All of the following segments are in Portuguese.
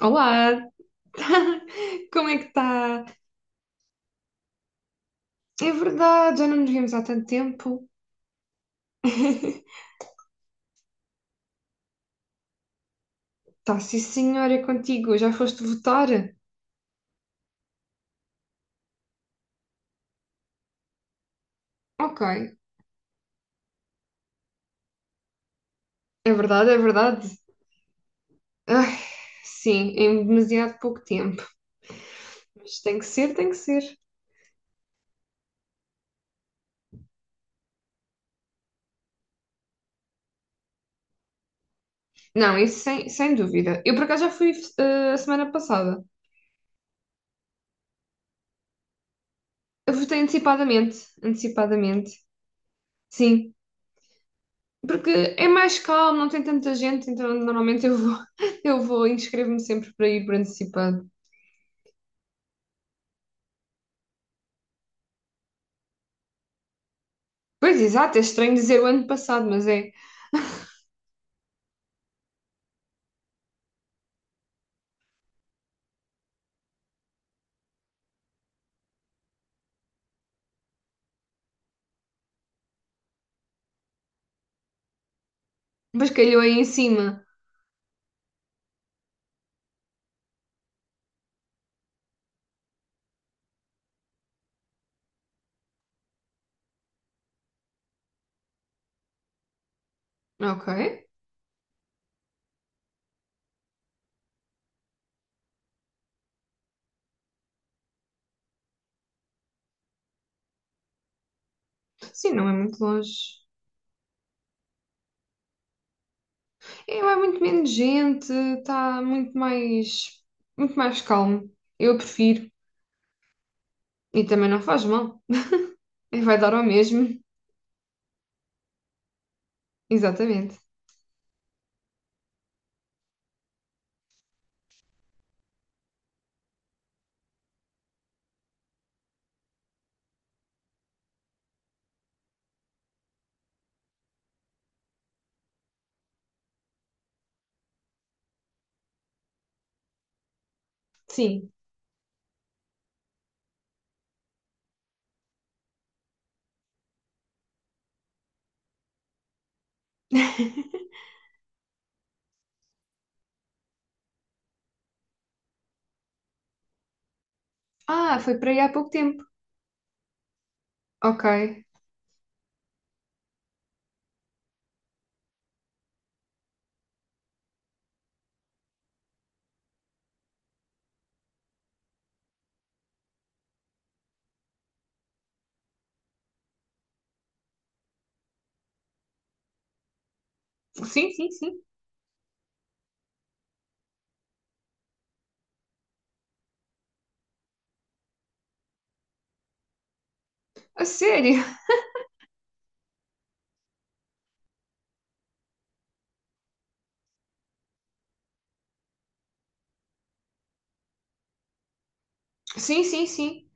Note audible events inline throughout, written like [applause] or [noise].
Olá, [laughs] como é que está? É verdade, já não nos vimos há tanto tempo. [laughs] Tá, sim senhora, é contigo, já foste votar? Ok, é verdade, é verdade. Ai, sim, em demasiado pouco tempo, mas tem que ser, tem que ser. Não, isso sem dúvida. Eu por acaso já fui a semana passada. Eu votei antecipadamente, antecipadamente, sim. Porque é mais calmo, não tem tanta gente, então normalmente eu vou, [laughs] eu vou inscrevo-me sempre para ir por antecipado. Pois, exato, é estranho dizer o ano passado, mas é. Mas calhou aí em cima. Ok. Sim, não é muito longe. É, vai muito menos gente, está muito mais calmo. Eu prefiro. E também não faz mal. Vai dar ao mesmo. Exatamente. Sim. [laughs] Ah, foi para aí há pouco tempo. Ok. Sim, sim, sim. A sério? Sim, sim, sim.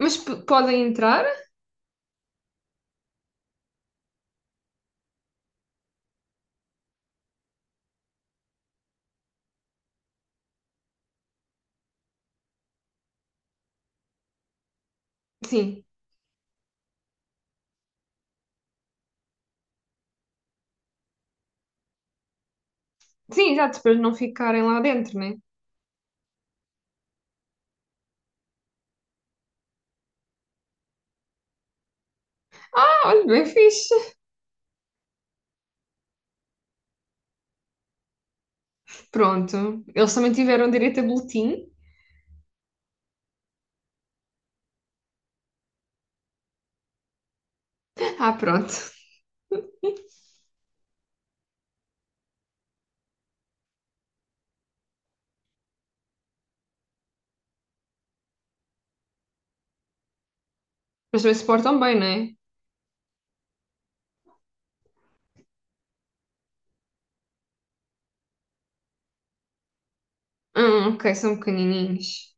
Mas podem entrar? Sim. Sim, exato, para não ficarem lá dentro, né? Ah, olha, bem fixe. Pronto. Eles também tiveram direito a boletim. Ah, pronto. Mas também se portam bem, não é? Ah, ok, são pequenininhos.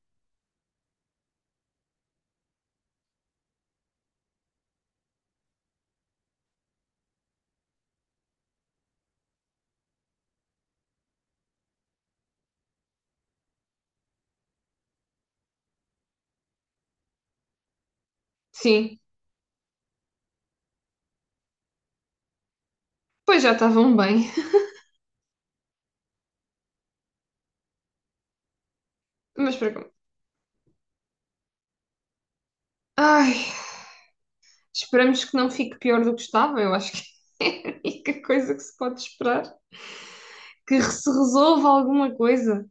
Sim. Pois já estavam bem. Mas para como? Ai, esperamos que não fique pior do que estava. Eu acho que [laughs] é a única coisa que se pode esperar. Que se resolva alguma coisa.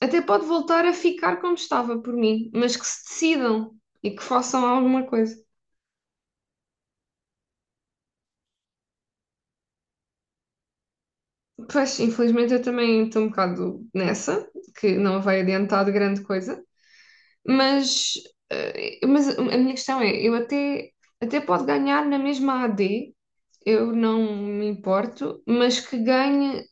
Até pode voltar a ficar como estava por mim, mas que se decidam e que façam alguma coisa. Pois, infelizmente eu também estou um bocado nessa, que não vai adiantar de grande coisa. Mas, mas a minha questão é, eu até pode ganhar na mesma AD, eu não me importo, mas que ganhe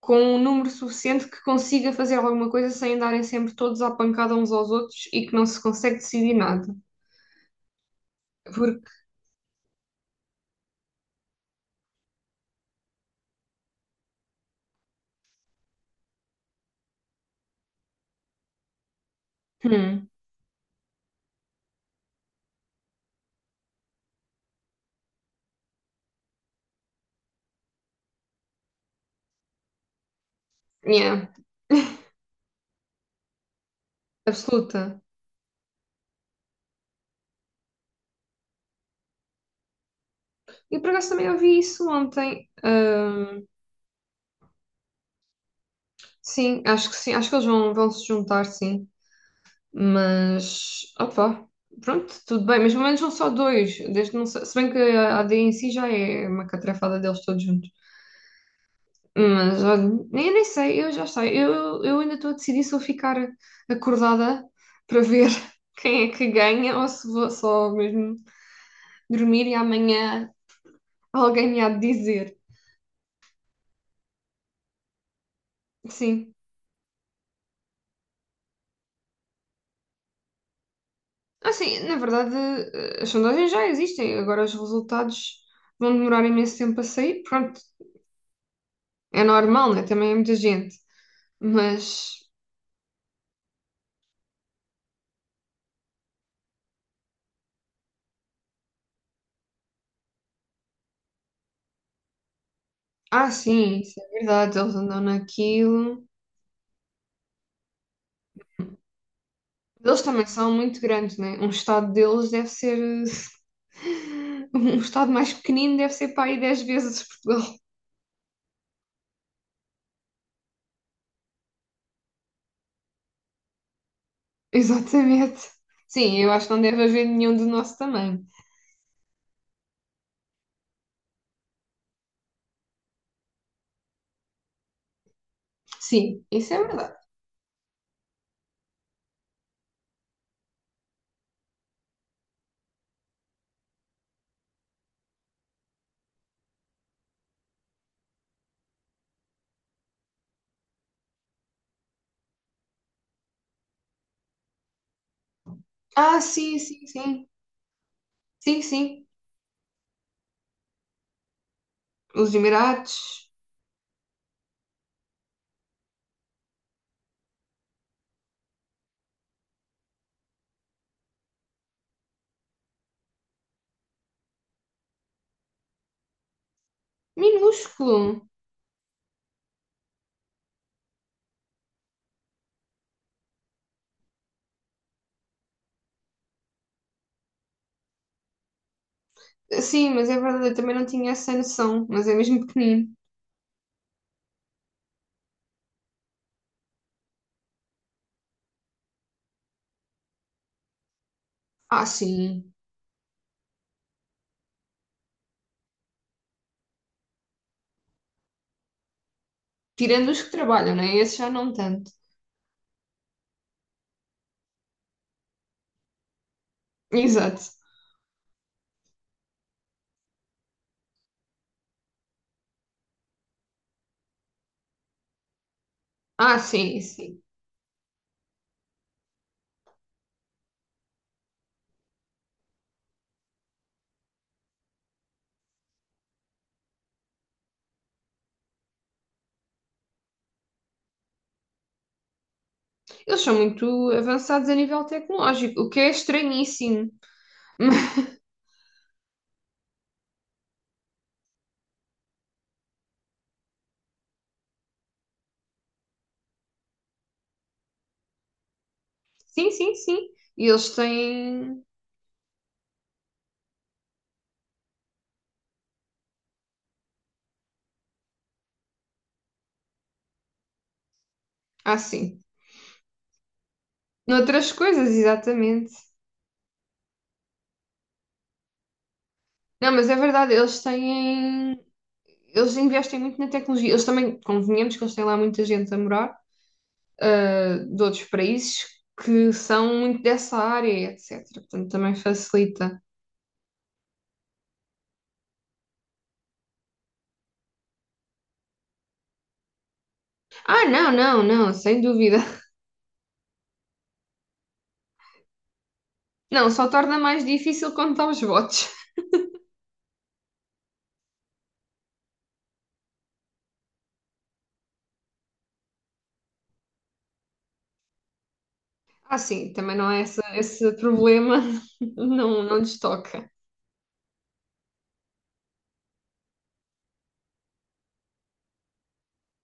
com um número suficiente que consiga fazer alguma coisa sem andarem sempre todos à pancada uns aos outros e que não se consegue decidir nada. Porque, hum, yeah, absoluta. E por acaso também ouvi isso ontem. Sim, acho que sim, acho que eles vão se juntar, sim. Mas, opá, pronto, tudo bem. Mas pelo menos são só dois. Desde não sei, se bem que a AD em si já é uma catrafada deles todos juntos. Mas olha, eu nem sei, eu já sei. Eu ainda estou a decidir se vou ficar acordada para ver [laughs] quem é que ganha ou se vou só mesmo dormir e amanhã alguém há de dizer. Sim. Assim, na verdade, as sondagens já existem, agora os resultados vão demorar imenso tempo a sair. Pronto, é normal, né? Também é muita gente. Mas, ah, sim, isso é verdade, eles andam naquilo. Eles também são muito grandes, né? Um estado deles deve ser. [laughs] Um estado mais pequenino deve ser para aí 10 vezes Portugal. [laughs] Exatamente. Sim, eu acho que não deve haver nenhum do nosso tamanho. Sim, isso é verdade. Ah, sim, sim, sim. Sim, sim. Os Emirados. Minúsculo. Sim, mas é verdade, eu também não tinha essa noção, mas é mesmo pequenino. Ah, sim. Tirando os que trabalham, né? Esses já não tanto. [laughs] Exato. Ah, sim, sim. Eles são muito avançados a nível tecnológico, o que é estranhíssimo. [laughs] Sim, sim, sim. E eles têm. Ah, sim. Noutras coisas, exatamente. Não, mas é verdade, eles têm. Eles investem muito na tecnologia. Eles também, convenhamos que eles têm lá muita gente a morar, ah, de outros países que são muito dessa área, etc. Portanto, também facilita. Ah, não, não, não, sem dúvida. Não, só torna mais difícil contar os votos. Ah, sim, também não é esse problema, [laughs] não, não lhes toca.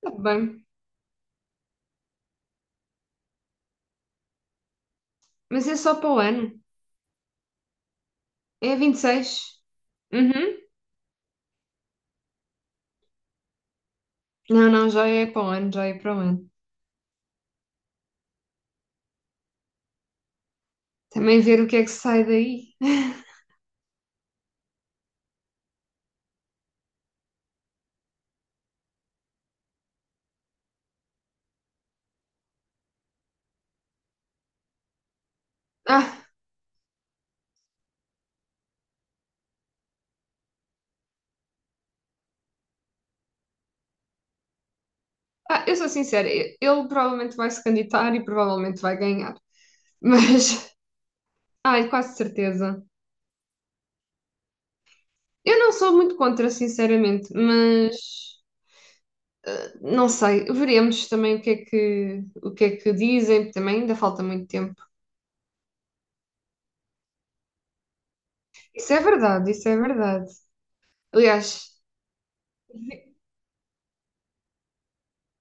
Tá bem, mas é só para o ano. É 26. Uhum. Não, não, já é para o ano, já é para o ano. Também ver o que é que sai daí. [laughs] Ah, ah, eu sou sincera, ele provavelmente vai se candidatar e provavelmente vai ganhar. Mas, [laughs] ai, quase certeza. Eu não sou muito contra, sinceramente, mas não sei, veremos também o que é que dizem, também ainda falta muito tempo. Isso é verdade, isso é verdade. Aliás,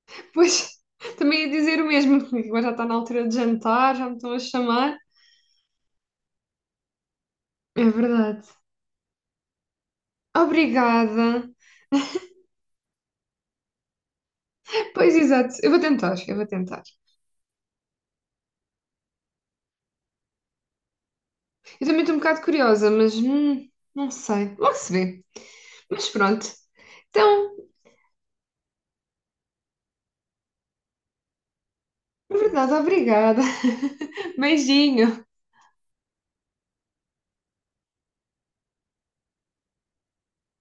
depois [laughs] também ia dizer o mesmo, [laughs] porque agora já está na altura de jantar, já me estão a chamar. É verdade. Obrigada. Pois exato, eu vou tentar, eu vou tentar. Eu também estou um bocado curiosa, mas não sei, logo se vê. Mas pronto. Então, é verdade, obrigada. [laughs] Beijinho.